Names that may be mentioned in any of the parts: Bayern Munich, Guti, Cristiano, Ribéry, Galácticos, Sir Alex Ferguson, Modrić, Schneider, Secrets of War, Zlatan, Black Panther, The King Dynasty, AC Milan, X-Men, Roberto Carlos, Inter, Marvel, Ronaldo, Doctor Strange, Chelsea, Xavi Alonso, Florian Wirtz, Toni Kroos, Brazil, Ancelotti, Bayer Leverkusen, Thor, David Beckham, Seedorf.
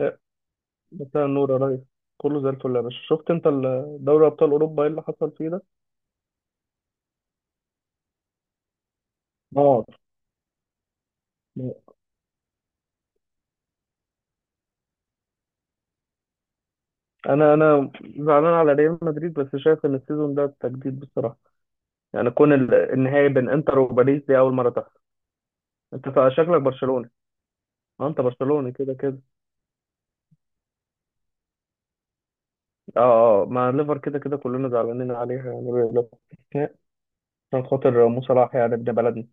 يا مساء النور يا ريس. كله زي الفل يا باشا، شفت انت دوري ابطال اوروبا ايه اللي حصل فيه ده؟ اه، انا زعلان على ريال مدريد، بس شايف ان السيزون ده تجديد بصراحه. يعني كون النهائي بين انتر وباريس دي اول مره تحصل. انت شكلك برشلوني. ما انت برشلوني كده كده. اه، اه، مع ليفر كده كده كلنا زعلانين عليها يعني، ليفر. عشان خاطر مو صلاح يعني ابن بلدنا.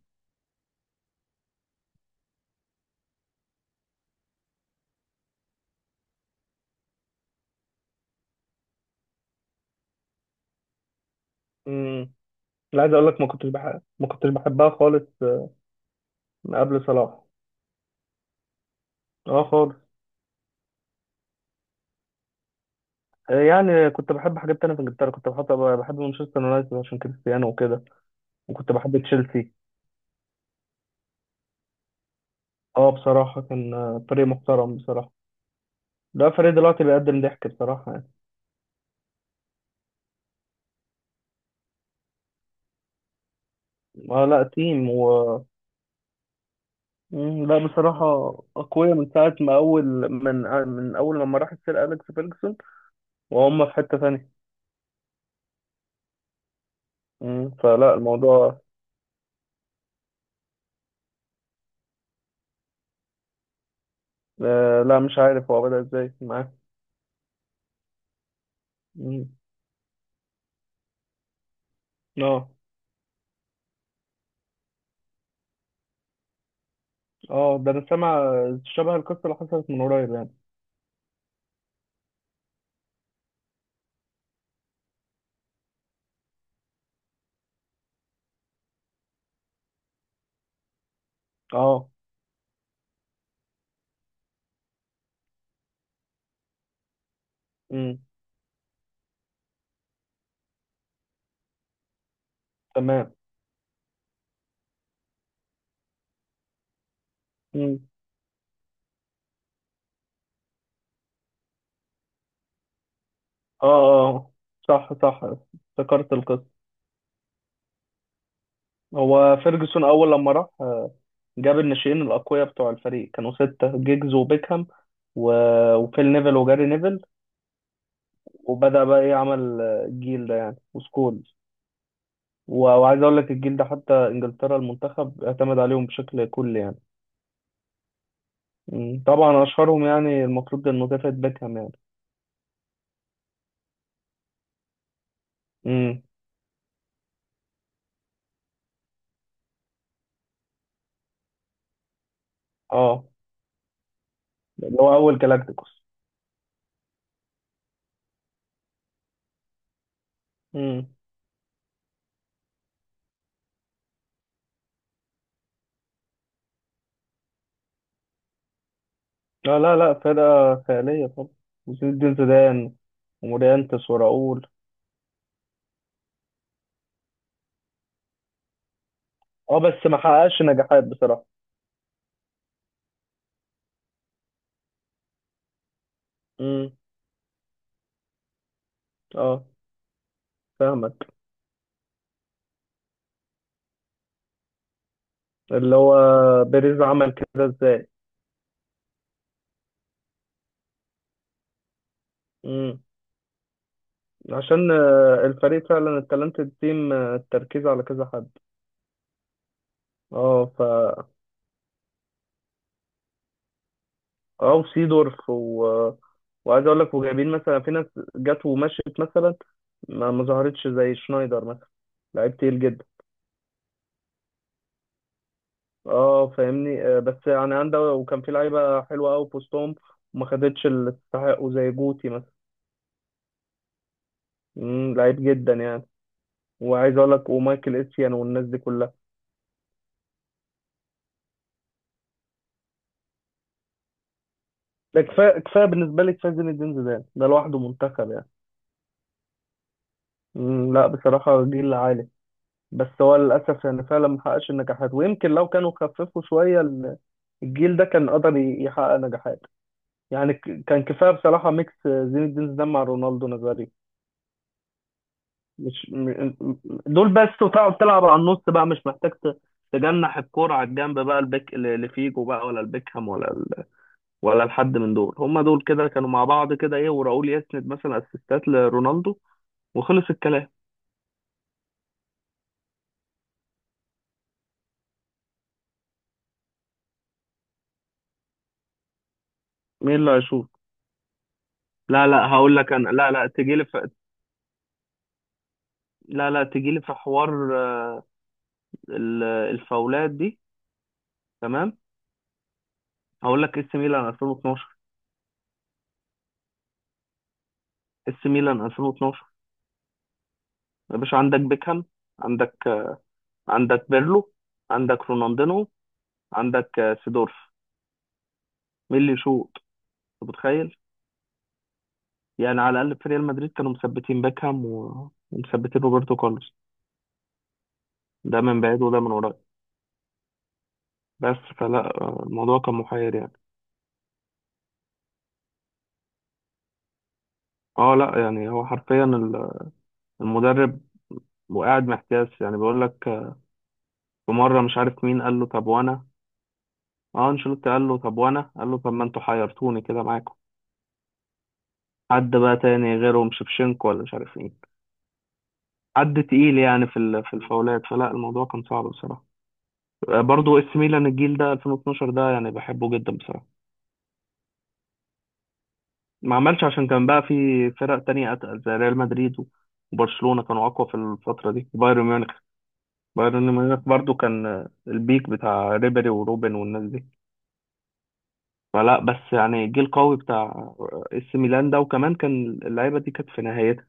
امم. لا، عايز اقول لك، ما كنتش بحبها خالص من قبل صلاح. اه خالص. يعني كنت بحب حاجات تانية في انجلترا، كنت بحب مانشستر يونايتد عشان كريستيانو وكده. وكنت بحب تشيلسي. اه بصراحة كان فريق محترم بصراحة. لا، فريق دلوقتي بيقدم ضحك بصراحة يعني. اه، لا، تيم و... مم، لا بصراحة. أقوياء من ساعة ما أول، من أول لما راح السير أليكس فيرجسون، وهم في حتة تانية. فلا الموضوع. لا، مش عارف هو بدأ إزاي معاه. مم. اه، اه، ده أنا سامع شبه القصة اللي حصلت من قريب يعني. اه. مم. تمام. مم. اه، اه، آه. صح، صح، افتكرت القصة. هو فيرجسون أول لما راح، جاب الناشئين الأقوياء بتوع الفريق. كانوا ستة: جيجز وبيكهام و... وفيل نيفل وجاري نيفل. وبدأ بقى إيه، عمل الجيل ده يعني وسكولز. و... وعايز أقول لك الجيل ده حتى إنجلترا المنتخب اعتمد عليهم بشكل كلي يعني. مم. طبعا أشهرهم يعني المفروض إنه ديفيد بيكهام يعني. مم. اه، اللي هو أول جالاكتيكوس. لا، لا، لا، فرقة خيالية طبعا. وزين الدين زيدان ومورينتس وراؤول. اه، بس ما حققش نجاحات بصراحة. امم. اه. فاهمك. اللي هو بيريز عمل كده ازاي؟ امم. عشان الفريق فعلا التالنتد تيم، التركيز على كذا حد. اه، ف... اه، وسيدورف. وعايز اقول لك وجايبين مثلا في ناس جت ومشيت مثلا، ما ظهرتش زي شنايدر مثلا. لعيب تقيل جدا. اه فاهمني، بس يعني عنده، وكان في لعيبه حلوه قوي في وسطهم، وما خدتش اللي تستحقه زي جوتي مثلا. لعيب جدا يعني. وعايز اقول لك ومايكل اسيان والناس دي كلها. ده كفايه، كفايه بالنسبه لي، كفايه زين الدين زيدان ده لوحده منتخب يعني. مم، لا بصراحه جيل عالي. بس هو للاسف يعني فعلا ما حققش النجاحات. ويمكن لو كانوا خففوا شويه الجيل ده كان قدر يحقق نجاحات. يعني كان كفايه بصراحه ميكس زين الدين زيدان مع رونالدو نظري. مش دول بس، وتقعد تلعب على النص بقى مش محتاج تجنح الكرة على الجنب بقى، البيك لفيجو بقى ولا البيكهام ولا ولا لحد من دول. هم دول كده كانوا مع بعض كده، ايه، وراؤول يسند مثلا اسيستات لرونالدو وخلص الكلام. مين اللي هيشوط؟ لا، لا، هقول لك انا، لا، لا تجي لي في... لا، لا تجي لي في حوار. آه، الفاولات دي. تمام. هقول لك اس ميلان 2012، اس ميلان 2012. يا باشا، عندك بيكهام، عندك عندك بيرلو، عندك رونالدينو، عندك سيدورف. مين اللي يشوط؟ أنت متخيل؟ يعني على الأقل في ريال مدريد كانوا مثبتين باكهام و- ومثبتين روبرتو كارلوس، ده من بعيد وده من قريب. بس فلا الموضوع كان محير يعني. اه، لا يعني هو حرفيا المدرب، وقاعد محتاس يعني بيقول لك في مرة مش عارف مين قال له: طب وانا؟ اه، انشيلوتي قال له: طب وانا؟ قال له: طب ما انتوا حيرتوني كده معاكم. حد بقى تاني غيرهم، شفشنكو ولا مش عارف مين، حد تقيل يعني في الفاولات. فلا الموضوع كان صعب بصراحة. برضو اس ميلان الجيل ده 2012 ده يعني بحبه جدا بصراحة. ما عملش عشان كان بقى في فرق تانية أتقل زي ريال مدريد، وبرشلونة كانوا أقوى في الفترة دي، وبايرن ميونخ. بايرن ميونخ برضو كان البيك بتاع ريبيري وروبن والناس دي. فلا، بس يعني جيل قوي بتاع اس ميلان ده. وكمان كان اللعيبة دي كانت في نهايتها.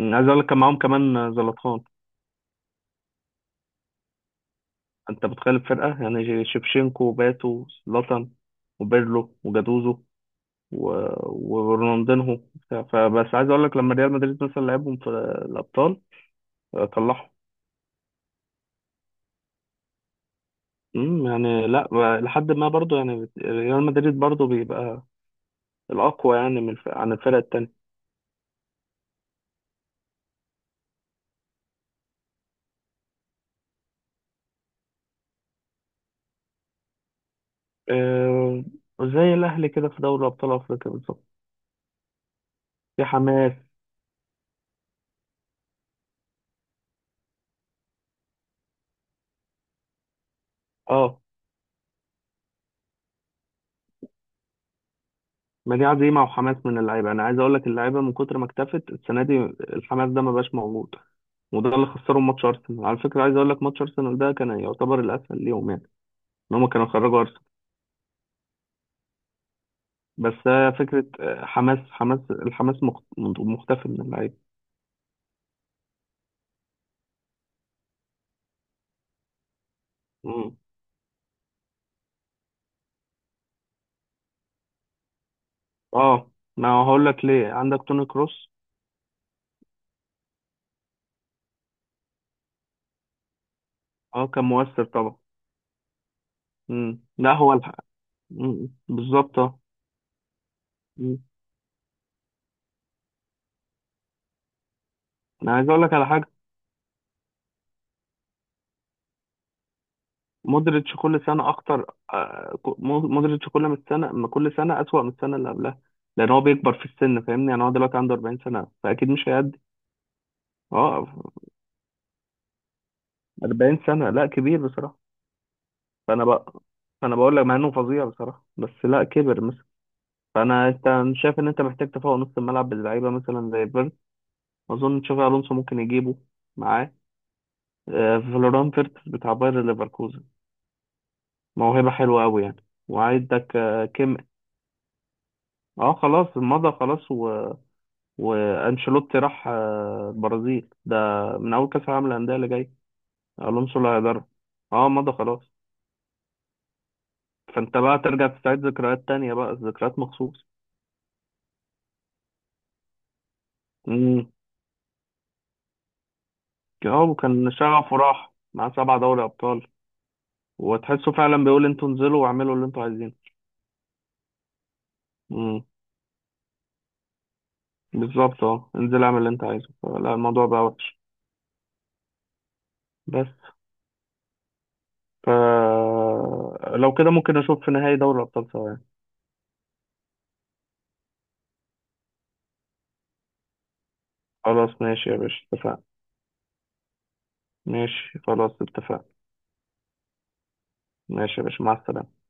عايز أقول لك كان معاهم كمان زلاتان. أنت بتخيل الفرقة يعني، شيفشينكو وباتو زلاتان وبيرلو وجاتوزو و- ورونالدينهو بتاع. فبس عايز اقول لك لما ريال مدريد مثلا لعبهم في الابطال، طلعهم. امم، يعني لا، لحد ما برضو يعني، ريال مدريد برضو بيبقى الاقوى يعني، عن الفرق التانية. آه، زي الاهلي كده في دوري ابطال افريقيا بالظبط. في حماس. اه، ما دي عزيمه وحماس من اللعيبه. انا عايز اقول لك، اللعيبه من كتر ما اكتفت السنه دي، الحماس ده ما بقاش موجود. وده اللي خسرهم ماتش ارسنال. على فكره، عايز اقول لك ماتش ارسنال ده كان يعتبر الاسهل ليهم يعني، ان هم كانوا خرجوا. بس هي فكرة، حماس، حماس، الحماس مختفي من اللعيبة. مم. اه، ما هقول لك ليه، عندك توني كروس. اه كان مؤثر طبعا. مم. لا هو مم. بالظبط، اه. مم. انا عايز اقول لك على حاجة، مودريتش كل سنة اكتر. مودريتش، كل ما السنة ما كل سنة اسوأ من السنة اللي قبلها، لان هو بيكبر في السن فاهمني يعني. هو دلوقتي عنده 40 سنة فاكيد مش هيأدي. اه، 40 سنة لا كبير بصراحة. فانا بقى فانا بقول لك، مع انه فظيع بصراحة، بس لا كبر. فانا، انت شايف ان انت محتاج تفوق نص الملعب باللعيبه، مثلا زي فيرت، اظن تشافي الونسو ممكن يجيبه معاه، فلوران فيرتس بتاع باير ليفركوزن، موهبه حلوه قوي يعني. وعندك كيم. اه، خلاص مضى خلاص، وانشيلوتي راح البرازيل ده من اول كاس العالم للانديه اللي جاي. الونسو اللي هيدرب. اه مضى خلاص. فانت بقى ترجع تستعيد ذكريات تانية بقى، ذكريات مخصوص. امم. اه، وكان شغفه راح مع سبع دوري ابطال. وتحسه فعلا بيقول: انتوا انزلوا واعملوا اللي انتوا عايزينه. امم. بالظبط، اه، انزل اعمل اللي انت عايزه. فلا الموضوع بقى وحش. بس ف... لو كده ممكن اشوف في نهائي دوري الابطال سوا يعني. خلاص ماشي يا باشا، اتفقنا. ماشي خلاص، اتفقنا. ماشي يا باشا، مع السلامة.